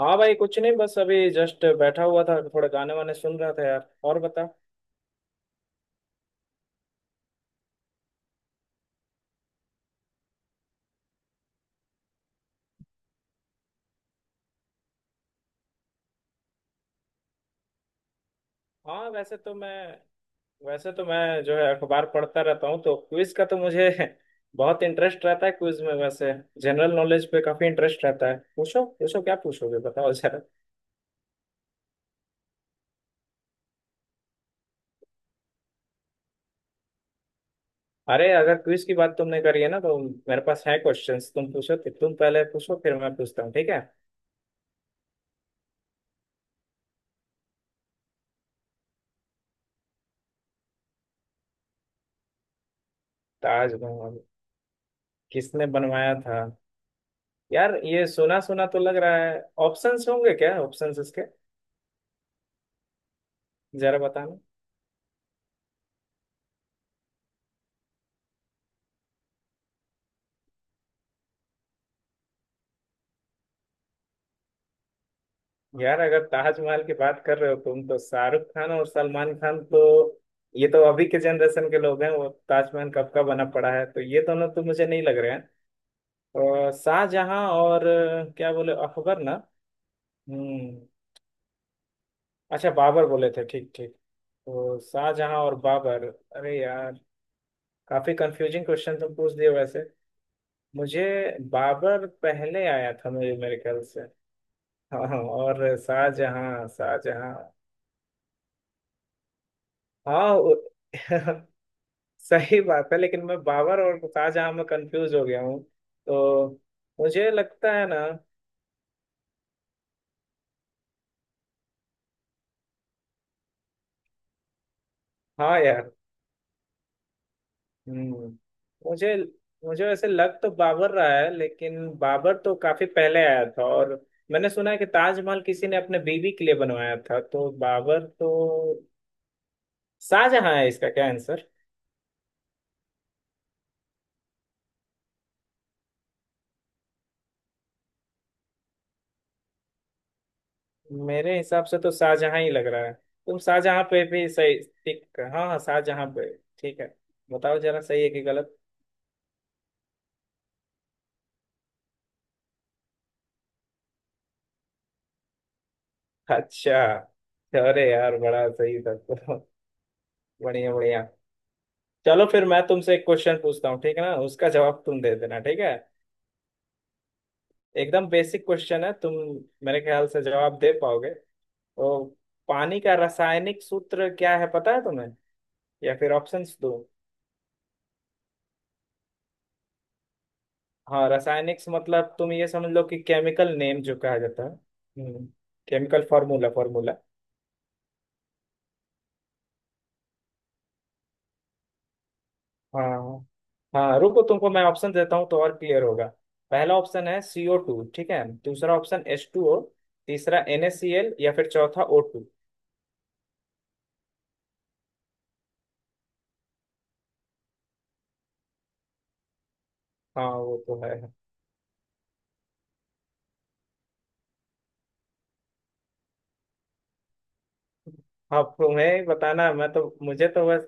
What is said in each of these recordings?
हाँ भाई, कुछ नहीं। बस अभी जस्ट बैठा हुआ था, थोड़े गाने वाने सुन रहा था यार। और बता। हाँ, वैसे तो मैं जो है अखबार पढ़ता रहता हूँ, तो क्विज का तो मुझे बहुत इंटरेस्ट रहता है। क्विज में वैसे जनरल नॉलेज पे काफी इंटरेस्ट रहता है। पूछो पूछो, क्या पूछोगे बताओ जरा। अरे, अगर क्विज की बात तुमने करी है ना, तो मेरे पास है क्वेश्चंस। तुम पूछो, तो तुम पहले पूछो फिर मैं पूछता हूँ। ठीक है। ताजमहल किसने बनवाया था। यार ये सुना सुना तो लग रहा है। ऑप्शंस होंगे क्या, ऑप्शंस इसके? जरा बताना। यार अगर ताजमहल की बात कर रहे हो तुम, तो शाहरुख खान और सलमान खान तो ये तो अभी के जनरेशन के लोग हैं। वो ताजमहल कब का बना पड़ा है, तो ये दोनों तो मुझे नहीं लग रहे हैं। और शाहजहां और क्या बोले अकबर ना। हम्म। अच्छा बाबर बोले थे, ठीक ठीक। तो शाहजहां और बाबर। अरे यार, काफी कंफ्यूजिंग क्वेश्चन तुम पूछ दिए वैसे मुझे। बाबर पहले आया था मुझे, मेरे ख्याल से। हाँ हाँ, और शाहजहां शाहजहां। हाँ उ- सही बात है, लेकिन मैं बाबर और शाहजहां में कंफ्यूज हो गया हूँ तो। मुझे लगता है ना। हाँ यार। हम्म। मुझे मुझे वैसे लग तो बाबर रहा है, लेकिन बाबर तो काफी पहले आया था, और मैंने सुना है कि ताजमहल किसी ने अपने बीवी के लिए बनवाया था, तो बाबर तो शाहजहां है। इसका क्या आंसर। मेरे हिसाब से तो शाहजहां ही लग रहा है। तुम शाहजहां पे भी सही, ठीक, हाँ हाँ, शाहजहां पे। ठीक है। बताओ जरा सही है कि गलत। अच्छा। अरे यार, बड़ा सही था तो। बढ़िया बढ़िया। चलो फिर मैं तुमसे एक क्वेश्चन पूछता हूँ, ठीक है ना, उसका जवाब तुम दे देना, ठीक है। एकदम बेसिक क्वेश्चन है, तुम मेरे ख्याल से जवाब दे पाओगे। तो पानी का रासायनिक सूत्र क्या है, पता है तुम्हें? या फिर ऑप्शंस दो। हाँ, रासायनिक से मतलब तुम ये समझ लो कि केमिकल नेम जो कहा जाता है। Chemical formula formula. हाँ हाँ, रुको तुमको मैं ऑप्शन देता हूँ तो और क्लियर होगा। पहला ऑप्शन है CO2, ठीक है, दूसरा ऑप्शन H2O, तीसरा NaCl, या फिर चौथा O2। हाँ वो तो है। हाँ, तुम्हें ही बताना है, मैं तो मुझे तो बस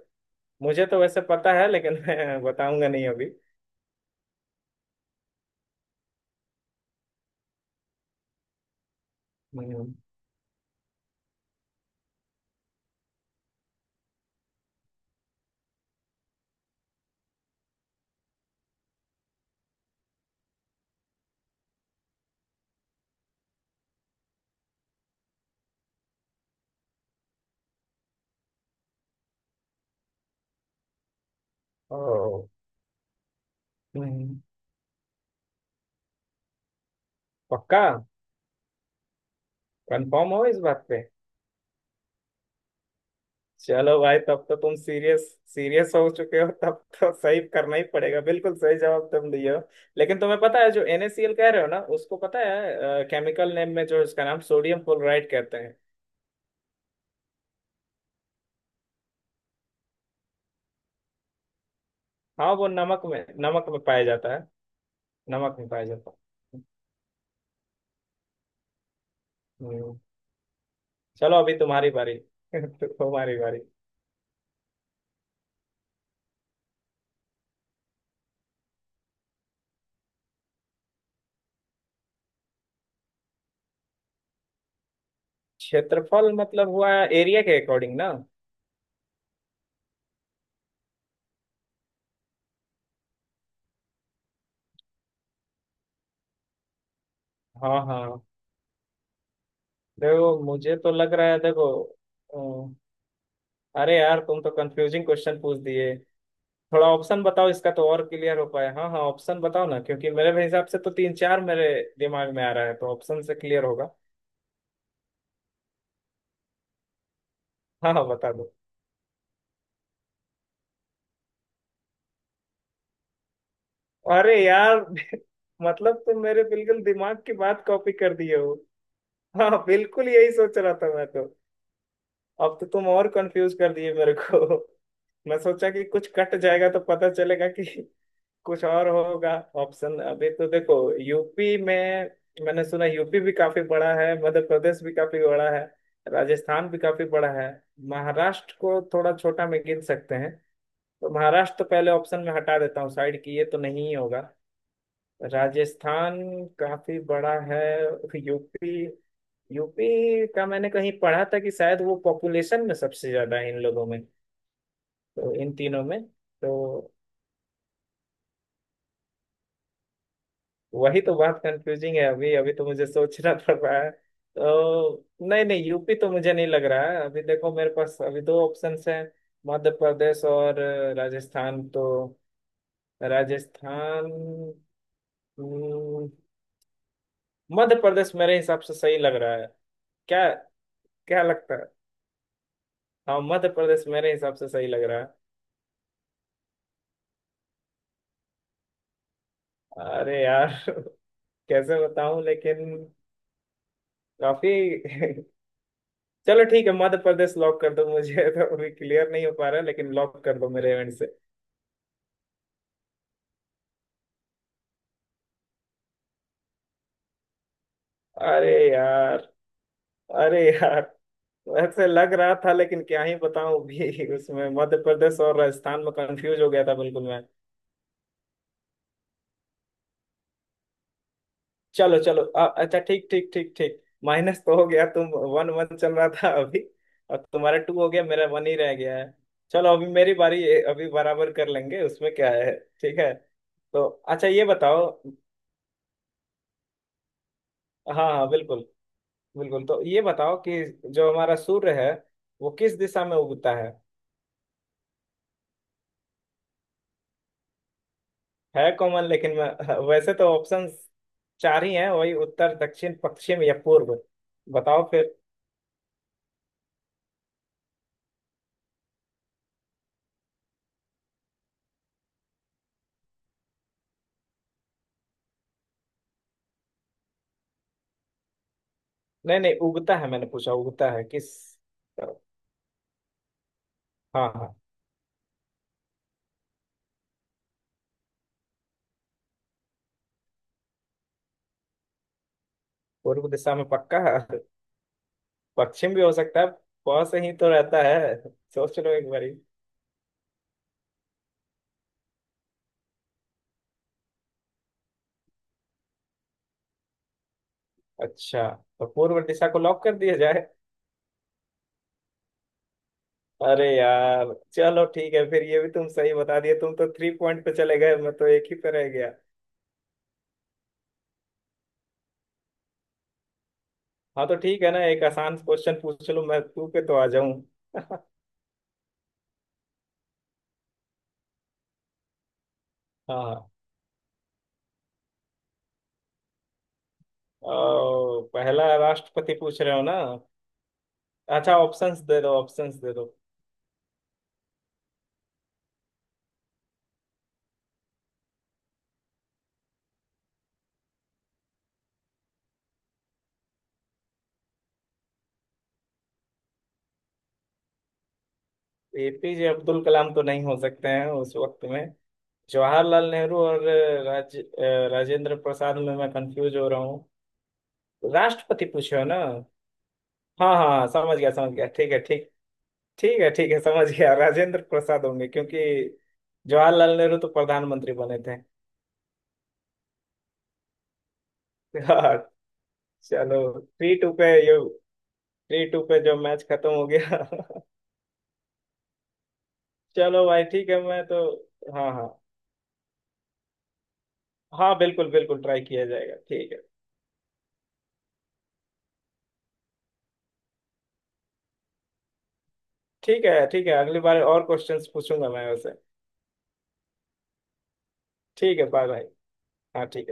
मुझे तो वैसे पता है लेकिन मैं बताऊंगा नहीं अभी। हम्म, ओ। हम्म, पक्का। कंफर्म हो इस बात। चलो भाई, तब तो तुम सीरियस सीरियस हो चुके हो, तब तो सही करना ही पड़ेगा। बिल्कुल सही जवाब तुम दिए हो। लेकिन तुम्हें पता है जो NaCl कह रहे हो ना, उसको पता है केमिकल नेम में जो इसका नाम सोडियम क्लोराइड कहते हैं। हाँ, वो नमक में, नमक में पाया जाता है। नमक में पाया जाता है। हम्म। चलो अभी तुम्हारी बारी तुम्हारी बारी। क्षेत्रफल मतलब हुआ एरिया के अकॉर्डिंग ना। हाँ हाँ, देखो मुझे तो लग रहा है देखो। अ, अरे यार तुम तो कंफ्यूजिंग क्वेश्चन पूछ दिए। थोड़ा ऑप्शन बताओ इसका, तो और क्लियर हो पाए। हाँ हाँ, ऑप्शन बताओ ना, क्योंकि मेरे हिसाब से तो तीन चार मेरे दिमाग में आ रहा है, तो ऑप्शन से क्लियर होगा। हाँ हाँ, बता दो। अरे यार मतलब तुम मेरे बिल्कुल दिमाग की बात कॉपी कर दिए हो। हाँ, बिल्कुल यही सोच रहा था मैं तो। अब तो तुम और कंफ्यूज कर दिए मेरे को मैं सोचा कि कुछ कट जाएगा तो पता चलेगा कि कुछ और होगा। ऑप्शन अभी तो देखो, यूपी में, मैंने सुना यूपी भी काफी बड़ा है, मध्य प्रदेश भी काफी बड़ा है, राजस्थान भी काफी बड़ा है। महाराष्ट्र को थोड़ा छोटा में गिन सकते हैं, तो महाराष्ट्र तो पहले ऑप्शन में हटा देता हूँ साइड की, ये तो नहीं ही होगा। राजस्थान काफी बड़ा है। यूपी, यूपी का मैंने कहीं पढ़ा था कि शायद वो पॉपुलेशन में सबसे ज्यादा है इन लोगों में। तो इन तीनों में तो वही तो बात कंफ्यूजिंग है। अभी अभी तो मुझे सोचना पड़ रहा है तो, नहीं नहीं, यूपी तो मुझे नहीं लग रहा है अभी। देखो मेरे पास अभी दो ऑप्शन हैं, मध्य प्रदेश और राजस्थान। तो राजस्थान, हम्म, मध्य प्रदेश मेरे हिसाब से सही लग रहा है। क्या, क्या लगता है? हाँ, मध्य प्रदेश मेरे हिसाब से सही लग रहा है। अरे यार कैसे बताऊं लेकिन। काफी चलो ठीक है, मध्य प्रदेश लॉक कर दो मुझे तो अभी क्लियर नहीं हो पा रहा है, लेकिन लॉक कर दो मेरे एंड से। अरे यार, अरे यार, ऐसे लग रहा था लेकिन क्या ही बताऊं भी उसमें मध्य प्रदेश और राजस्थान में कंफ्यूज हो गया था बिल्कुल मैं। चलो चलो, अच्छा, ठीक ठीक ठीक ठीक, माइनस तो हो गया। तुम 1-1 चल रहा था अभी, और तुम्हारा टू हो गया, मेरा वन ही रह गया है। चलो अभी मेरी बारी है, अभी बराबर कर लेंगे उसमें क्या है। ठीक है। तो अच्छा, ये बताओ। हाँ हाँ बिल्कुल, बिल्कुल तो ये बताओ कि जो हमारा सूर्य है वो किस दिशा में उगता है। है कॉमन, लेकिन मैं वैसे तो ऑप्शंस चार ही हैं, वही उत्तर दक्षिण पश्चिम या पूर्व, बताओ फिर। नहीं नहीं, उगता है, मैंने पूछा, उगता है किस। हाँ हाँ। पूर्व दिशा में पक्का है? पश्चिम भी हो सकता है, प से ही तो रहता है, सोच लो एक बारी। अच्छा, तो पूर्व दिशा को लॉक कर दिया जाए। अरे यार, चलो ठीक है, फिर ये भी तुम सही बता दिए, तुम तो थ्री पॉइंट पे चले गए, मैं तो एक ही पे रह गया। हाँ तो ठीक है ना, एक आसान क्वेश्चन पूछ लो, मैं तू पे तो आ जाऊं। हाँ, अ, पहला राष्ट्रपति पूछ रहे हो ना। अच्छा, ऑप्शंस दे दो, ऑप्शंस दे दो। APJ अब्दुल कलाम तो नहीं हो सकते हैं उस वक्त में। जवाहरलाल नेहरू और राजेंद्र प्रसाद में मैं कंफ्यूज हो रहा हूँ। राष्ट्रपति पूछे हो ना? हाँ हाँ हाँ, समझ गया, समझ गया, ठीक है, ठीक, ठीक है, ठीक है, समझ गया। राजेंद्र प्रसाद होंगे क्योंकि जवाहरलाल नेहरू तो प्रधानमंत्री बने थे। हाँ। चलो 3-2 पे ये, 3-2 पे जो मैच खत्म हो गया। चलो भाई, ठीक है, मैं तो। हाँ हाँ हाँ, बिल्कुल बिल्कुल ट्राई किया जाएगा। ठीक है, ठीक है, ठीक है। अगली बार और क्वेश्चंस पूछूंगा मैं वैसे। ठीक है, बाय भाई। हाँ ठीक है bye।